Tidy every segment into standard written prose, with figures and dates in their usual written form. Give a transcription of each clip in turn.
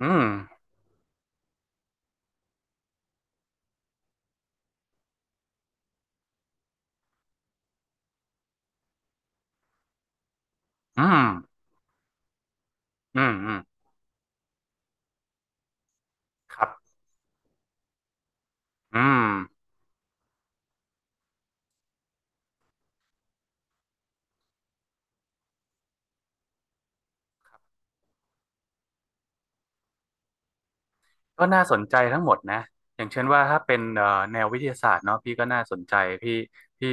อืมอืมอืมอืม ครับอืมก็น่าสนใจทั้งหมดนะ อย่างเช่นว่าถ้าเป็นแนววิทยาศาสตร์เนาะพี่ก็น่าสนใจพี่พี่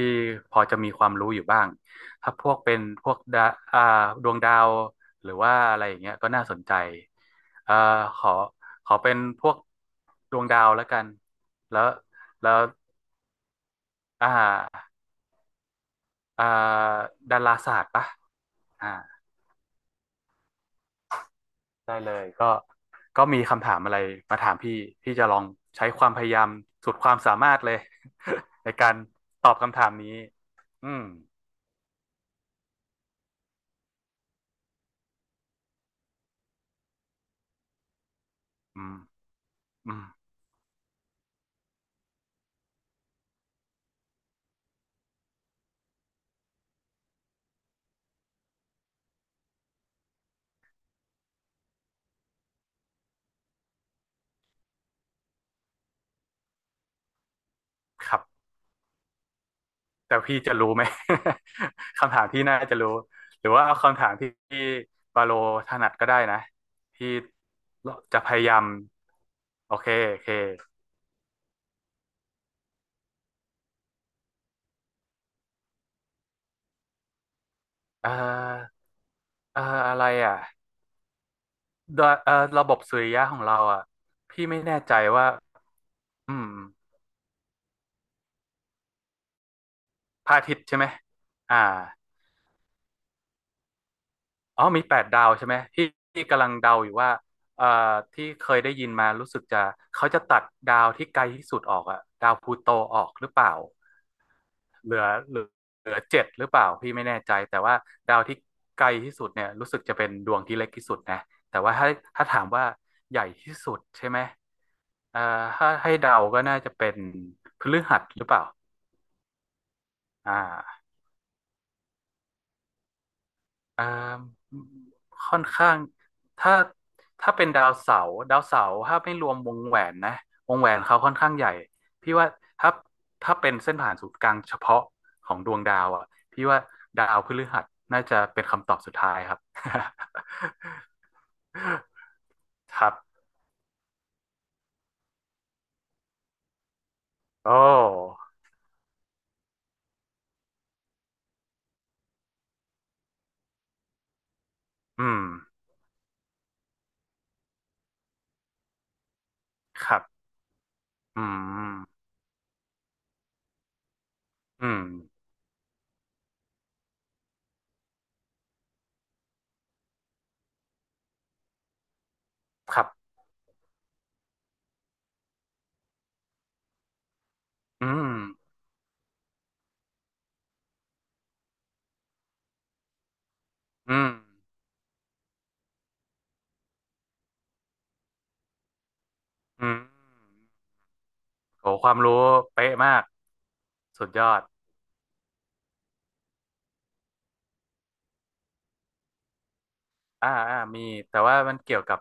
พอจะมีความรู้อยู่บ้างถ้าพวกเป็นพวกอ่าดวงดาวหรือว่าอะไรอย่างเงี้ยก็น่าสนใจเอ่อขอขอเป็นพวกดวงดาวแล้วกัน แล้วแล้วอ่าอ่าดาราศาสตร์ปะอ่า ได้เลยก็มีคำถามอะไรมาถามพี่พี่จะลองใช้ความพยายามสุดความสามารถเลย ในการตอบคำถามนี้อืมอืมอืมครับแต่พี่จะรู้ไหม คำถามที่น่าจะรู้หรือว่าเอาคำถามที่บาโลถนัดก็ได้นะพี่จะพยายามโอเคโอเคเอ่อเอ่ออะไรอ่ะดวเอ่อระบบสุริยะของเราอ่ะพี่ไม่แน่ใจว่าอืม พระอาทิตย์ใช่ไหมอ่าอ๋อมีแปดดาวใช่ไหมที่กำลังเดาอยู่ว่าเอ่อที่เคยได้ยินมารู้สึกจะเขาจะตัดดาวที่ไกลที่สุดออกอะดาวพลูโตออกหรือเปล่าเหลือเหลือเหลือเจ็ดหรือเปล่าพี่ไม่แน่ใจแต่ว่าดาวที่ไกลที่สุดเนี่ยรู้สึกจะเป็นดวงที่เล็กที่สุดนะแต่ว่าถ้าถามว่าใหญ่ที่สุดใช่ไหมเอ่อถ้าให้เดาก็น่าจะเป็นพฤหัสหรือเปล่าอ่า อ่าค่อนข้างถ้าถ้าเป็นดาวเสาร์ถ้าไม่รวมวงแหวนนะวงแหวนเขาค่อนข้างใหญ่พี่ว่าถ้าถ้าเป็นเส้นผ่านศูนย์กลางเฉพาะของดวงดาวอ่ะพี่ว่าดาวพฤหัสน่าจะเป็นคำตอบสุดท้ายครับ ครับโอ้อืมครับอืมอืมครับอืมอืมอืมโหความรู้เป๊ะมากสุดยอด มีแต่ว่ามันเกี่ยวกับ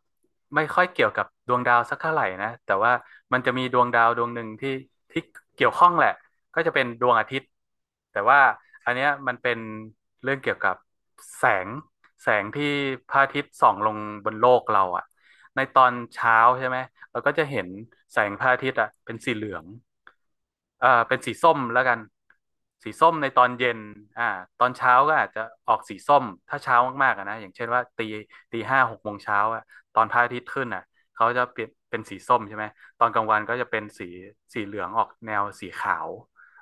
ไม่ค่อยเกี่ยวกับดวงดาวสักเท่าไหร่นะแต่ว่ามันจะมีดวงดาวดวงหนึ่งที่เกี่ยวข้องแหละก็จะเป็นดวงอาทิตย์แต่ว่าอันเนี้ยมันเป็นเรื่องเกี่ยวกับแสงแสงที่พระอาทิตย์ส่องลงบนโลกเราอ่ะในตอนเช้าใช่ไหมเราก็จะเห็นแสงพระอาทิตย์อ่ะเป็นสีเหลือง เป็นสีส้มแล้วกันสีส้มในตอนเย็นอ่าตอนเช้าก็อาจจะออกสีส้มถ้าเช้ามากๆอะนะอย่างเช่นว่าตีห้าหกโมงเช้าอะตอนพระอาทิตย์ขึ้นอะเขาจะเปลี่ยนเป็นสีส้มใช่ไหมตอนกลางวันก็จะเป็นสีเหลืองออกแนวสีขาว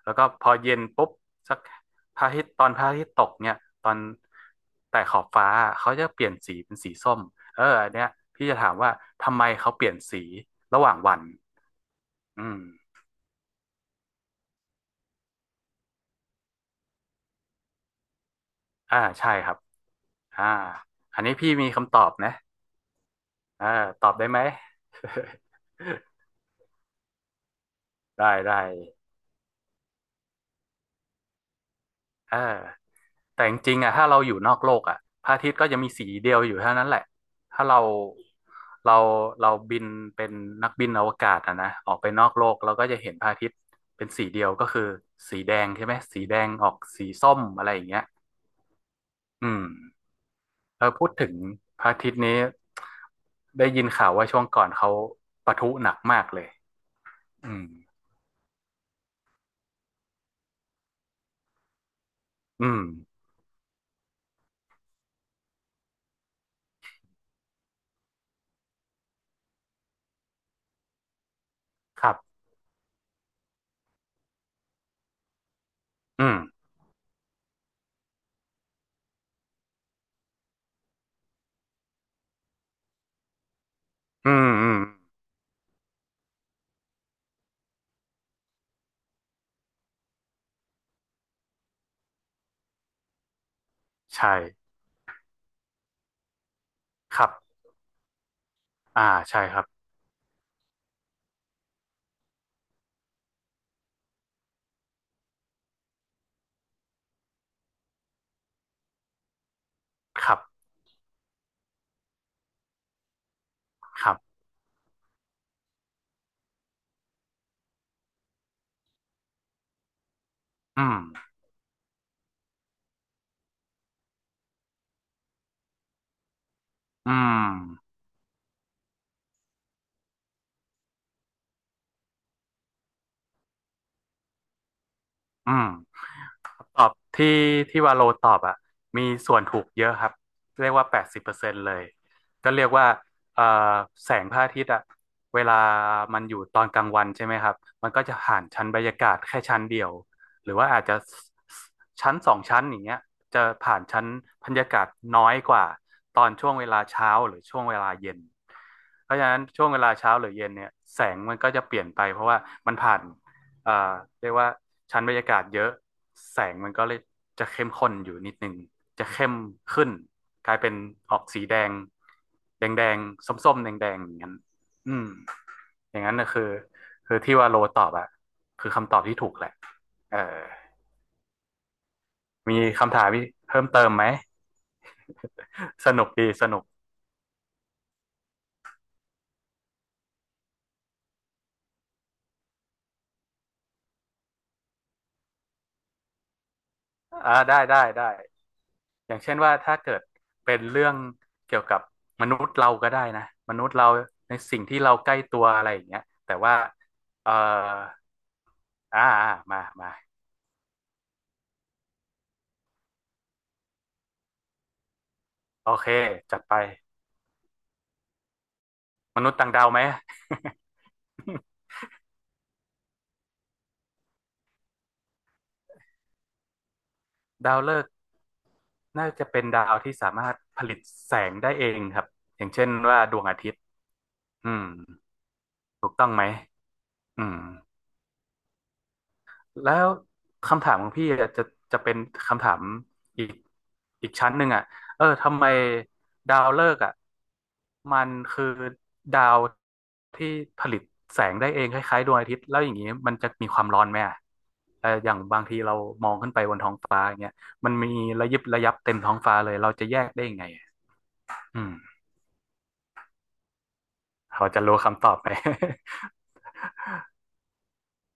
แล้วก็พอเย็นปุ๊บสักพระอาทิตย์ตอนพระอาทิตย์ตกเนี่ยตอนแต่ขอบฟ้าเขาจะเปลี่ยนสีเป็นสีส้มเอออันเนี้ยพี่จะถามว่าทำไมเขาเปลี่ยนสีระหว่างวันอืมใช่ครับ อ่าอันนี้พี่มีคำตอบนะเอ่าตอบได้ไหม ได้ได้เออแต่จริงๆอ่ะถ้าเราอยู่นอกโลกอ่ะพระอาทิตย์ก็จะมีสีเดียวอยู่เท่านั้นแหละถ้าเราเราบินเป็นนักบินอวกาศอ่ะนะออกไปนอกโลกเราก็จะเห็นพระอาทิตย์เป็นสีเดียวก็คือสีแดงใช่ไหมสีแดงออกสีส้มอะไรอย่างเงี้ยอืมเออพูดถึงพระอาทิตย์นี้ได้ยินข่าวว่าช่วงก่อนเขาปะทุหนักมากเลยอืมอืม ครับอืมอืม อืม ใช่ ครับ อ่า ใช่ครับ ครับ ครับ อืม อืม อืม ตอบที่ที่วาโลตอบอ่ะมีส่วนถูกเยอะครับเรียกว่า80%เลยก็เรียกว่าเอ่อแสงพระอาทิตย์อ่ะเวลามันอยู่ตอนกลางวันใช่ไหมครับมันก็จะผ่านชั้นบรรยากาศแค่ชั้นเดียวหรือว่าอาจจะชั้นสองชั้นอย่างเงี้ยจะผ่านชั้นบรรยากาศน้อยกว่าตอนช่วงเวลาเช้าหรือช่วงเวลาเย็นเพราะฉะนั้นช่วงเวลาเช้าหรือเย็นเนี่ยแสงมันก็จะเปลี่ยนไปเพราะว่ามันผ่าน อ่าเรียกว่าชั้นบรรยากาศเยอะแสงมันก็เลยจะเข้มข้นอยู่นิดหนึ่งจะเข้มขึ้นกลายเป็นออกสีแดงแดงแดงส้มๆแดงแดงอย่างนั้นอืมอย่างนั้นนะคือที่ว่าโลตอบอะคือคำตอบที่ถูกแหละเออมีคำถามีเพิ่มเติมไหม สนุกดีสนุกได้ได้ได้ อย่างเช่นว่าถ้าเกิดเป็นเรื่องเกี่ยวกับมนุษย์เราก็ได้นะมนุษย์เราในสิ่งที่เราใกล้ตัวอะไรอย่างเงี้ยแต่ว่าเอ่อมามาโอเคจัดไปมนุษย์ต่างดาวไหม ดาวฤกษ์น่าจะเป็นดาวที่สามารถผลิตแสงได้เองครับอย่างเช่นว่าดวงอาทิตย์อืมถูกต้องไหมอืม แล้วคำถามของพี่อะจะเป็นคำถามอีกอีกชั้นหนึ่งอ่ะเออทำไมดาวฤกษ์อ่ะมันคือดาวที่ผลิตแสงได้เองคล้ายๆดวงอาทิตย์แล้วอย่างนี้มันจะมีความร้อนไหมอ่ะเอออย่างบางทีเรามองขึ้นไปบนท้องฟ้าอย่างเงี้ยมันมีระยิบระยับเต็มท้องฟ้าเลยเราจะแยกได้ยังไงอะอืมเราจะรู้คำตอบไหม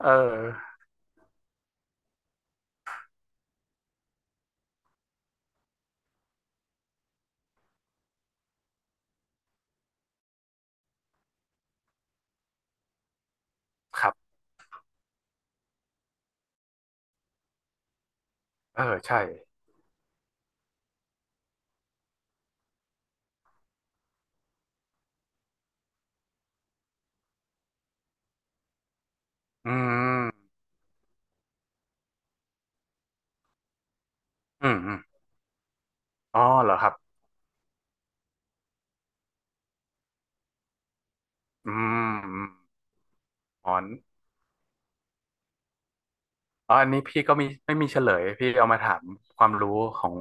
เออครับเออใช่อืมอืมอืมอ๋อเหรอครับอืม อ๋ออ๋ออันนี้พี่ก็มีไม่มีเฉลยพี่เอามาถามความรู้ของ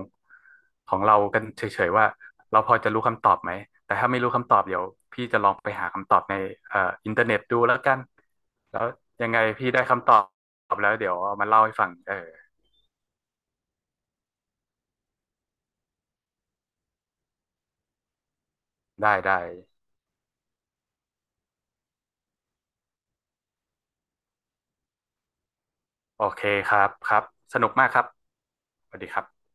ของเรากันเฉยๆว่าเราพอจะรู้คำตอบไหมแต่ถ้าไม่รู้คำตอบเดี๋ยวพี่จะลองไปหาคำตอบในเอ่ออินเทอร์เน็ตดูแล้วกันแล้วยังไงพี่ได้คำตอบแล้วเดี๋ยวเอามาเล่าให้ฟังเออได้ได้โอเคครับครับสนุกมากครับสวัสดีครับ